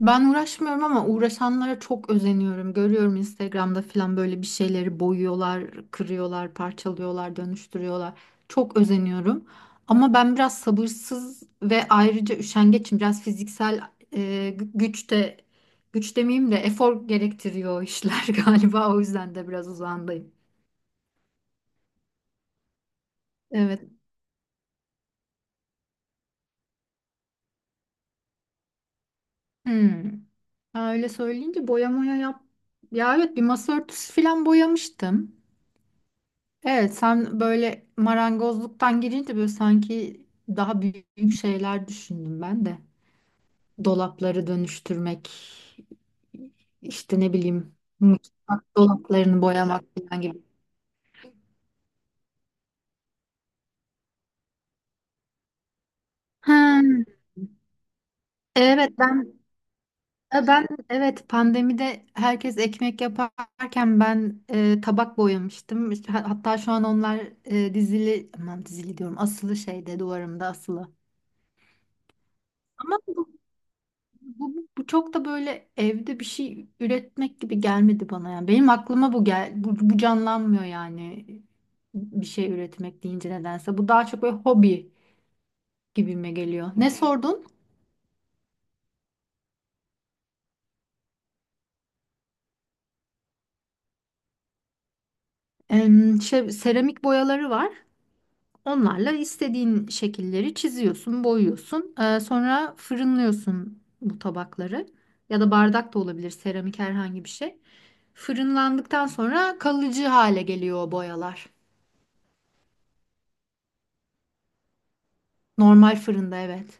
Ben uğraşmıyorum ama uğraşanlara çok özeniyorum. Görüyorum Instagram'da falan böyle bir şeyleri boyuyorlar, kırıyorlar, parçalıyorlar, dönüştürüyorlar. Çok özeniyorum. Ama ben biraz sabırsız ve ayrıca üşengeçim. Biraz fiziksel e, güç de güç demeyeyim de efor gerektiriyor o işler galiba. O yüzden de biraz uzağındayım. Evet. Hmm. Ha, öyle söyleyince boya moya yap. Ya evet, bir masa örtüsü falan boyamıştım. Evet, sen böyle marangozluktan girince böyle sanki daha büyük şeyler düşündüm ben de. Dolapları dönüştürmek, işte ne bileyim mutfak dolaplarını boyamak falan gibi. Ha, evet ben ben evet pandemide herkes ekmek yaparken ben, tabak boyamıştım. İşte hatta şu an onlar dizili, aman dizili diyorum, asılı şeyde, duvarımda asılı. Ama bu Bu çok da böyle evde bir şey üretmek gibi gelmedi bana yani. Benim aklıma bu canlanmıyor yani bir şey üretmek deyince nedense. Bu daha çok böyle hobi gibime geliyor. Ne sordun? Şey, seramik boyaları var. Onlarla istediğin şekilleri çiziyorsun, boyuyorsun. Sonra fırınlıyorsun bu tabakları. Ya da bardak da olabilir, seramik herhangi bir şey. Fırınlandıktan sonra kalıcı hale geliyor o boyalar. Normal fırında evet.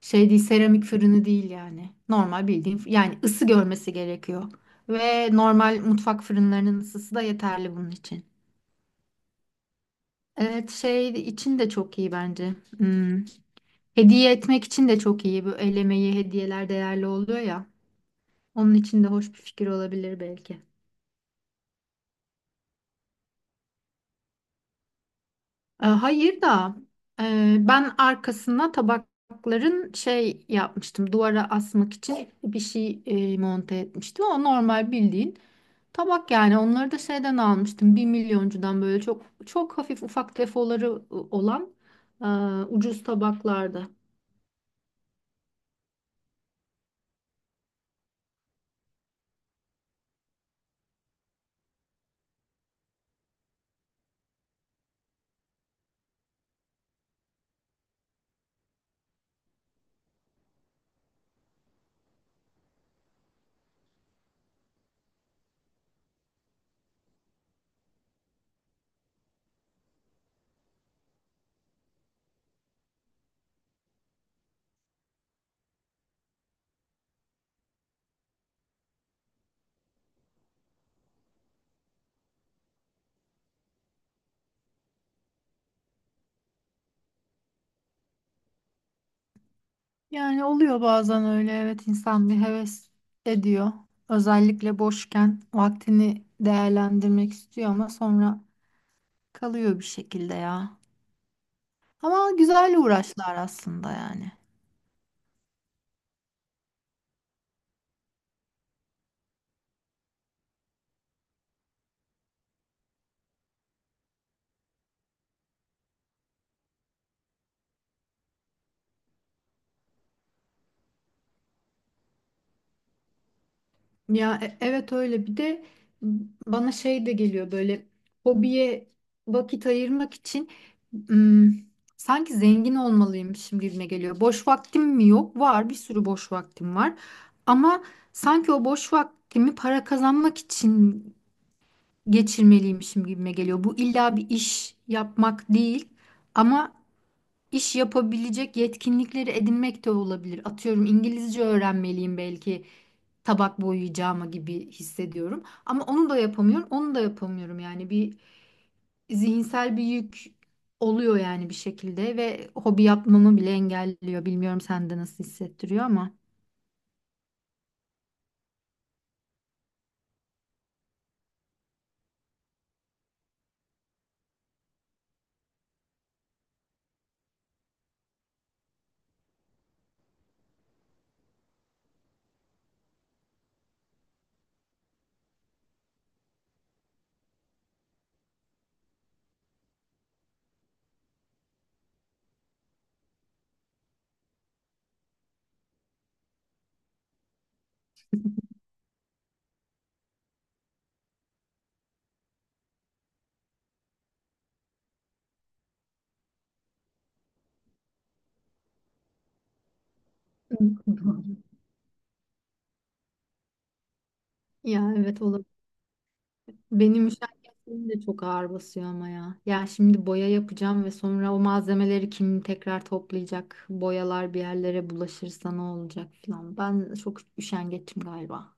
Şey değil, seramik fırını değil yani. Normal bildiğin, yani ısı görmesi gerekiyor. Ve normal mutfak fırınlarının ısısı da yeterli bunun için. Evet, şey için de çok iyi bence. Hmm. Hediye etmek için de çok iyi. Bu el emeği hediyeler değerli oluyor ya. Onun için de hoş bir fikir olabilir belki. E, hayır da ben arkasına tabakların şey yapmıştım. Duvara asmak için bir şey monte etmiştim. O normal bildiğin. Tabak, yani onları da şeyden almıştım. Bir milyoncudan, böyle çok çok hafif ufak defoları olan, e, ucuz tabaklarda. Yani oluyor bazen öyle, evet, insan bir heves ediyor. Özellikle boşken vaktini değerlendirmek istiyor ama sonra kalıyor bir şekilde ya. Ama güzel uğraşlar aslında yani. Ya evet öyle, bir de bana şey de geliyor böyle: hobiye vakit ayırmak için, ım, sanki zengin olmalıymışım gibime geliyor. Boş vaktim mi yok? Var, bir sürü boş vaktim var ama sanki o boş vaktimi para kazanmak için geçirmeliymişim gibime geliyor. Bu illa bir iş yapmak değil ama iş yapabilecek yetkinlikleri edinmek de olabilir. Atıyorum, İngilizce öğrenmeliyim belki tabak boyayacağıma gibi hissediyorum. Ama onu da yapamıyorum, onu da yapamıyorum. Yani bir zihinsel bir yük oluyor yani bir şekilde ve hobi yapmamı bile engelliyor. Bilmiyorum sende nasıl hissettiriyor ama. Ya evet, olur. Benim müşavirlerim de çok ağır basıyor ama ya. Ya şimdi boya yapacağım ve sonra o malzemeleri kim tekrar toplayacak? Boyalar bir yerlere bulaşırsa ne olacak falan. Ben çok üşengeçim galiba.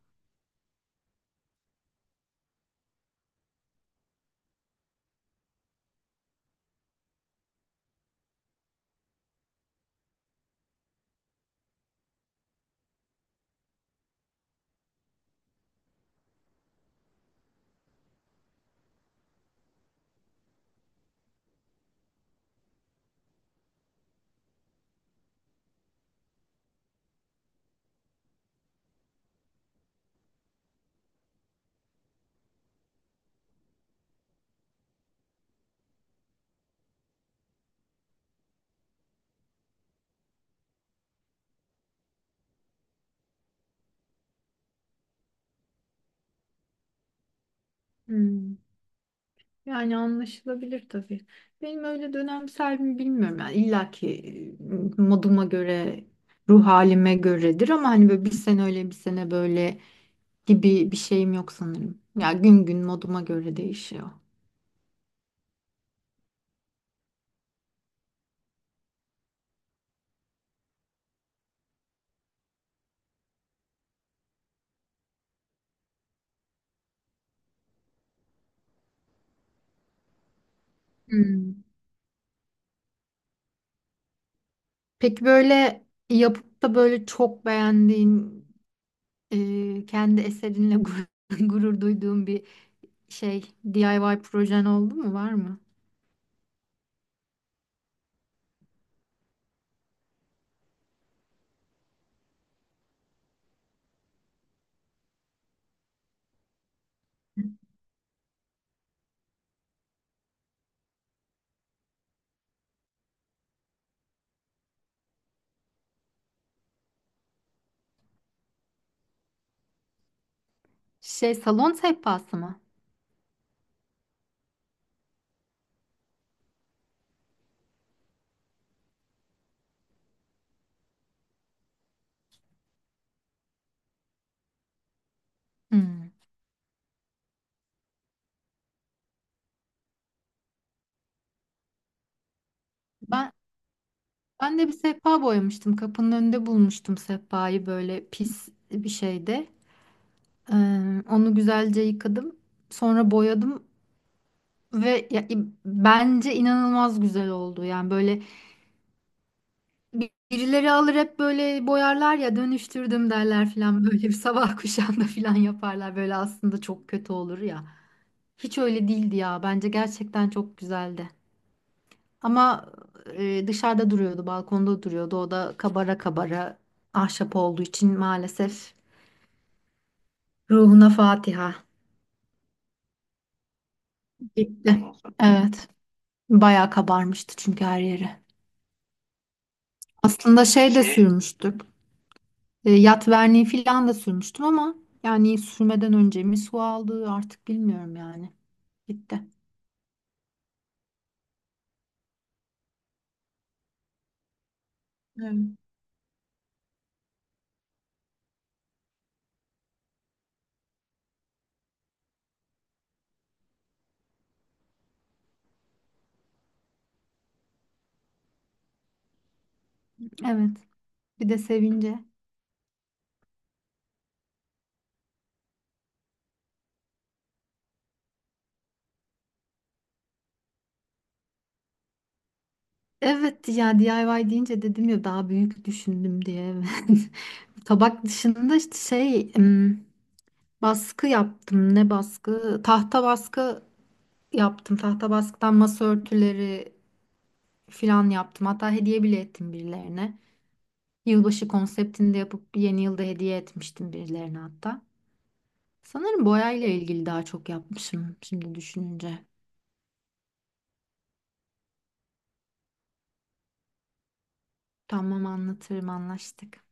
Hmm. Yani anlaşılabilir tabii. Benim öyle dönemsel mi bilmiyorum. Yani illa ki moduma göre, ruh halime göredir ama hani böyle bir sene öyle, bir sene böyle gibi bir şeyim yok sanırım. Ya gün gün moduma göre değişiyor. Hmm. Peki böyle yapıp da böyle çok beğendiğin, kendi eserinle gurur, gurur duyduğun bir şey, DIY projen oldu mu, var mı? Şey, salon sehpası mı? Hmm. Ben Ben de bir sehpa boyamıştım. Kapının önünde bulmuştum sehpayı, böyle pis bir şeyde. Onu güzelce yıkadım. Sonra boyadım ve bence inanılmaz güzel oldu. Yani böyle birileri alır, hep böyle boyarlar ya, dönüştürdüm derler falan, böyle bir sabah kuşağında falan yaparlar. Böyle aslında çok kötü olur ya. Hiç öyle değildi ya. Bence gerçekten çok güzeldi. Ama dışarıda duruyordu, balkonda duruyordu. O da kabara kabara, ahşap olduğu için maalesef, ruhuna Fatiha. Gitti. Evet. Bayağı kabarmıştı çünkü her yeri. Aslında şey de Şey, sürmüştük. E, yat verniği falan da sürmüştüm ama yani sürmeden önce mi su aldı artık bilmiyorum yani. Gitti. Evet. Evet. Bir de sevince. Evet ya, DIY deyince dedim ya daha büyük düşündüm diye. Tabak dışında işte şey, baskı yaptım. Ne baskı? Tahta baskı yaptım. Tahta baskıdan masa örtüleri filan yaptım. Hatta hediye bile ettim birilerine. Yılbaşı konseptinde yapıp yeni yılda hediye etmiştim birilerine hatta. Sanırım boyayla ilgili daha çok yapmışım şimdi düşününce. Tamam, anlatırım, anlaştık.